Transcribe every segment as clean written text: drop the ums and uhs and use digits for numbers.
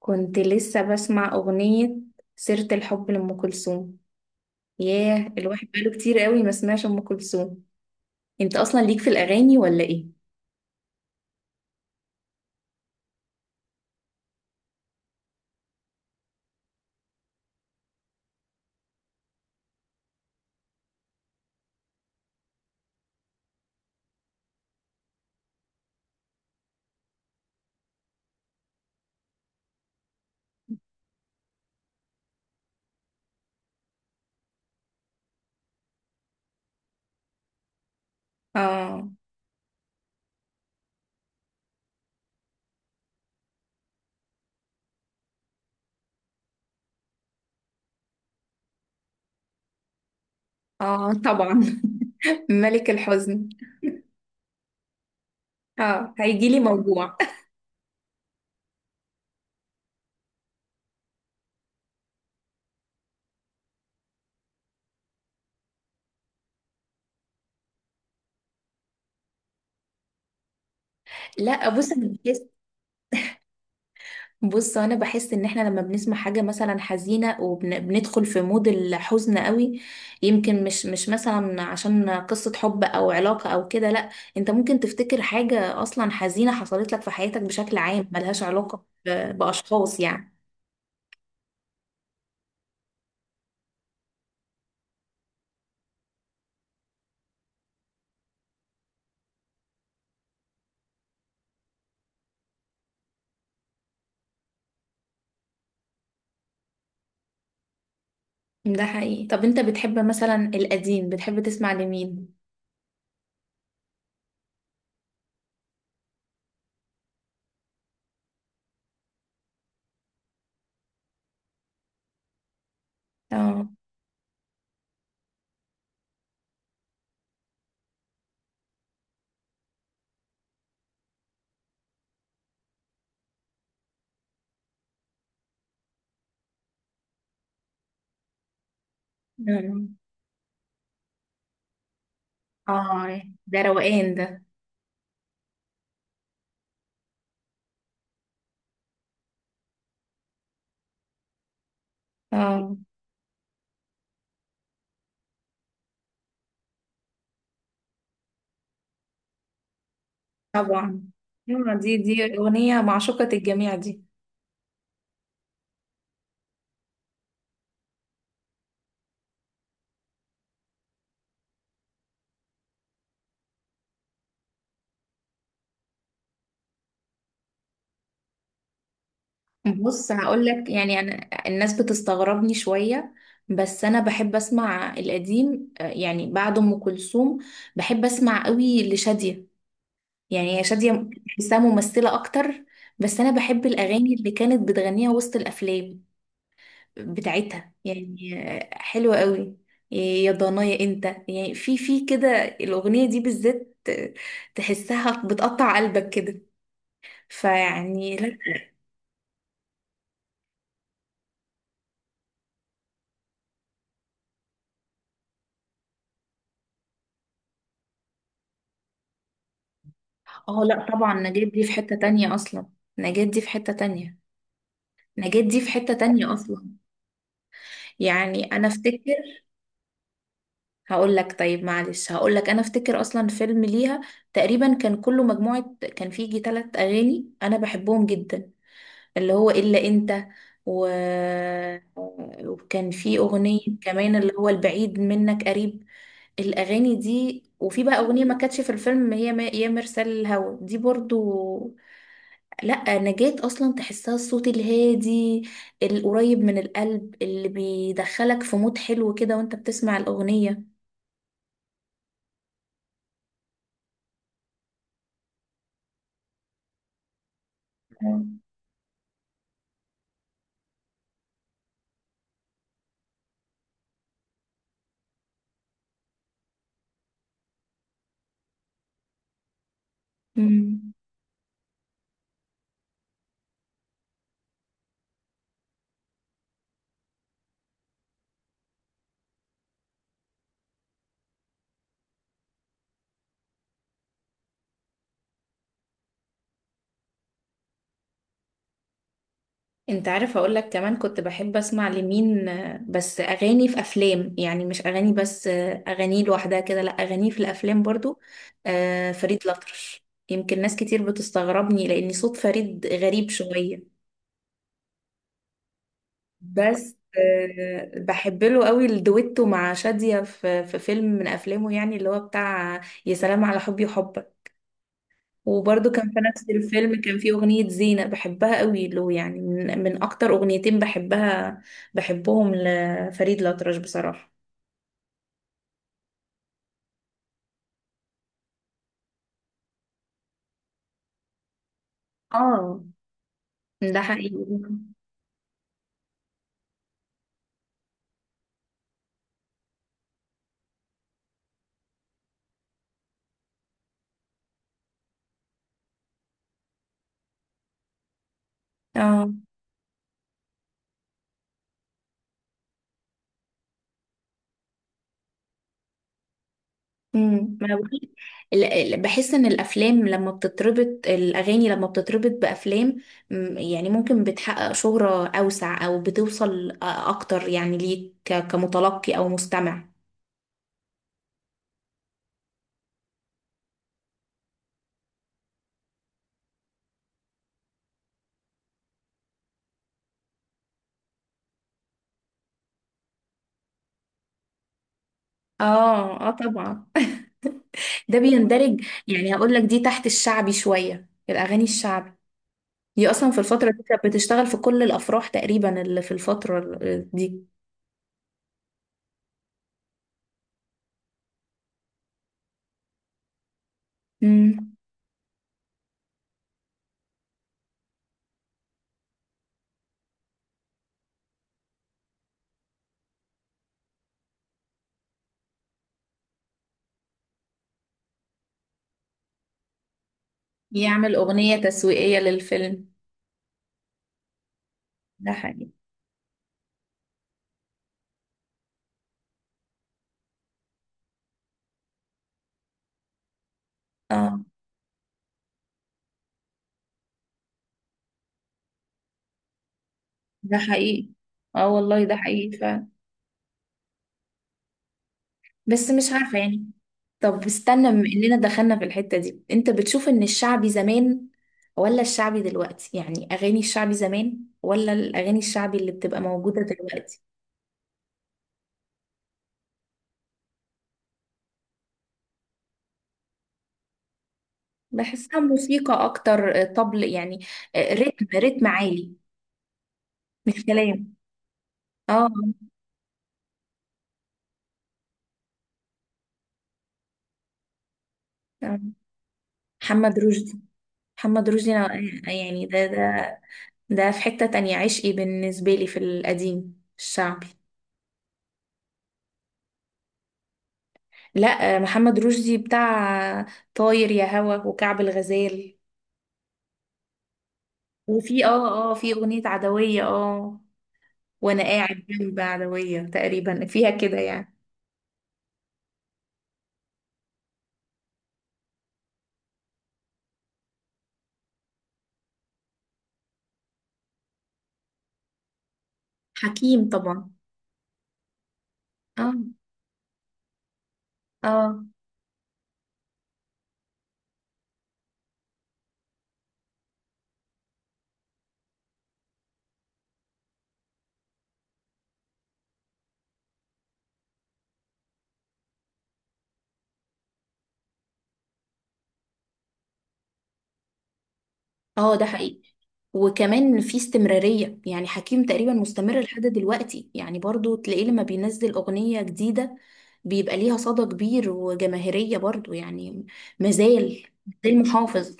كنت لسه بسمع أغنية سيرة الحب لأم كلثوم. ياه الواحد بقاله كتير قوي ما سمعش أم كلثوم. انت أصلا ليك في الأغاني ولا إيه؟ آه آه طبعا. ملك الحزن. آه هيجيلي موجوع. لا بص. بص انا بحس ان احنا لما بنسمع حاجه مثلا حزينه وبندخل في مود الحزن قوي، يمكن مش مثلا عشان قصه حب او علاقه او كده، لا. انت ممكن تفتكر حاجه اصلا حزينه حصلت لك في حياتك بشكل عام ملهاش علاقه باشخاص يعني. ده حقيقي. طب انت بتحب مثلا القديم، بتحب تسمع لمين؟ اه. مم. اه ده روقان ده. اه طبعا. آه، دي دي اغنيه معشوقه الجميع دي. بص هقول لك، يعني انا الناس بتستغربني شويه، بس انا بحب اسمع القديم آه، يعني بعد ام كلثوم بحب اسمع قوي لشاديه. يعني هي شاديه بحسها ممثله اكتر، بس انا بحب الاغاني اللي كانت بتغنيها وسط الافلام بتاعتها يعني. آه، حلوه قوي. إيه، يا ضنايا انت، يعني في في كده الاغنيه دي بالذات آه، تحسها بتقطع قلبك كده. فيعني لا. اه لا طبعا، نجاة دي في حتة تانية اصلا. نجاة دي في حتة تانية. نجاة دي في حتة تانية اصلا. يعني انا افتكر، هقول لك. طيب معلش هقول لك، انا افتكر اصلا فيلم ليها تقريبا كان كله مجموعة، كان فيه يجي تلات اغاني انا بحبهم جدا، اللي هو الا انت و... وكان فيه اغنية كمان اللي هو البعيد منك قريب. الاغاني دي وفي بقى اغنية ما كانتش في الفيلم هي ما... يا مرسال الهوى دي برضو. لا نجاة اصلا تحسها الصوت الهادي القريب من القلب اللي بيدخلك في مود حلو كده وانت بتسمع الاغنية. مم. مم. انت عارف اقول لك كمان كنت بحب اسمع لمين؟ آه، بس اغاني في افلام، يعني مش اغاني بس آه، اغاني لوحدها كده لا، اغاني في الافلام برضو. آه، فريد الأطرش. يمكن ناس كتير بتستغربني لان صوت فريد غريب شوية، بس آه، بحب له قوي الدويتو مع شادية في في فيلم من افلامه، يعني اللي هو بتاع يا سلام على حبي وحبك. وبرده كان في نفس الفيلم كان فيه أغنية زينة بحبها قوي له، يعني من أكتر أغنيتين بحبها بحبهم لفريد الأطرش بصراحة. اه ده حقيقي. اه. ما أنا بقول- بحس ان الافلام لما بتتربط الاغاني لما بتتربط بافلام مم، يعني ممكن بتحقق شهرة اوسع او بتوصل اكتر يعني ليك كمتلقي او مستمع. اه اه طبعا. ده بيندرج يعني هقول لك دي تحت الشعبي شوية، الاغاني الشعبي دي اصلا في الفترة دي كانت بتشتغل في كل الافراح تقريبا اللي في الفترة دي. امم. يعمل اغنية تسويقية للفيلم. ده حقيقي. اه ده حقيقي. اه والله ده حقيقي فعلا. بس مش عارفة يعني. طب استنى، بما اننا دخلنا في الحتة دي، انت بتشوف ان الشعبي زمان ولا الشعبي دلوقتي؟ يعني اغاني الشعبي زمان ولا الاغاني الشعبي اللي بتبقى موجودة دلوقتي؟ بحسها موسيقى اكتر آه، طبل يعني. آه، رتم عالي. مش كلام. اه. آه. محمد رشدي. محمد رشدي أنا- يعني ده ده ده في حتة تانية، عشقي بالنسبة لي في القديم الشعبي. لا محمد رشدي بتاع طاير يا هوا وكعب الغزال. وفي اه اه في اغنية عدوية اه، وانا قاعد جنب عدوية تقريبا فيها كده يعني. حكيم طبعا. اه اه اه ده حقيقي. وكمان في استمرارية، يعني حكيم تقريبا مستمر لحد دلوقتي، يعني برضو تلاقيه لما بينزل أغنية جديدة بيبقى ليها صدى كبير وجماهيرية برضو يعني. مازال. مازال محافظ.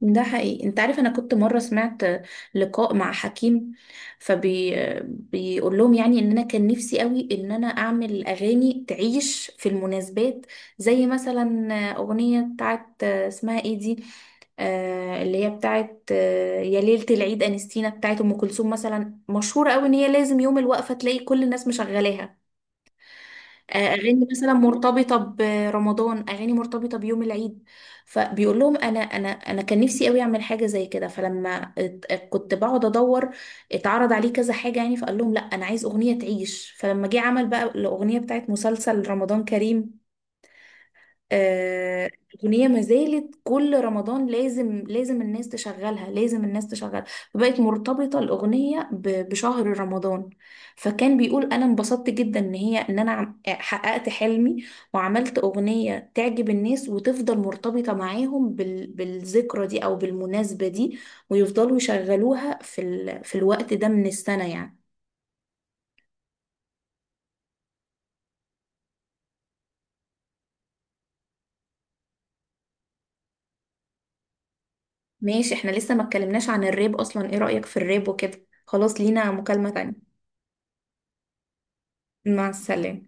ده حقيقي. انت عارف انا كنت مرة سمعت لقاء مع حكيم، فبي بيقول لهم يعني ان انا كان نفسي قوي ان انا اعمل اغاني تعيش في المناسبات، زي مثلا اغنية بتاعت اسمها ايه دي آه، اللي هي بتاعت آه يا ليلة العيد انستينا بتاعت ام كلثوم، مثلا مشهورة قوي ان هي لازم يوم الوقفة تلاقي كل الناس مشغلاها. آه، اغاني مثلا مرتبطه برمضان، اغاني مرتبطه بيوم العيد. فبيقول لهم انا انا كان نفسي قوي اعمل حاجه زي كده، فلما كنت بقعد ادور اتعرض عليه كذا حاجه يعني، فقال لهم لا انا عايز اغنيه تعيش. فلما جه عمل بقى الاغنيه بتاعت مسلسل رمضان كريم آه، أغنية ما زالت كل رمضان لازم لازم الناس تشغلها، لازم الناس تشغلها. فبقت مرتبطة الأغنية بشهر رمضان. فكان بيقول أنا انبسطت جدا إن هي إن حققت حلمي وعملت أغنية تعجب الناس وتفضل مرتبطة معاهم بالذكرى دي أو بالمناسبة دي، ويفضلوا يشغلوها في الوقت ده من السنة يعني. ماشي، احنا لسه ما اتكلمناش عن الراب أصلا، إيه رأيك في الراب وكده؟ خلاص لينا مكالمة تانية. مع السلامة.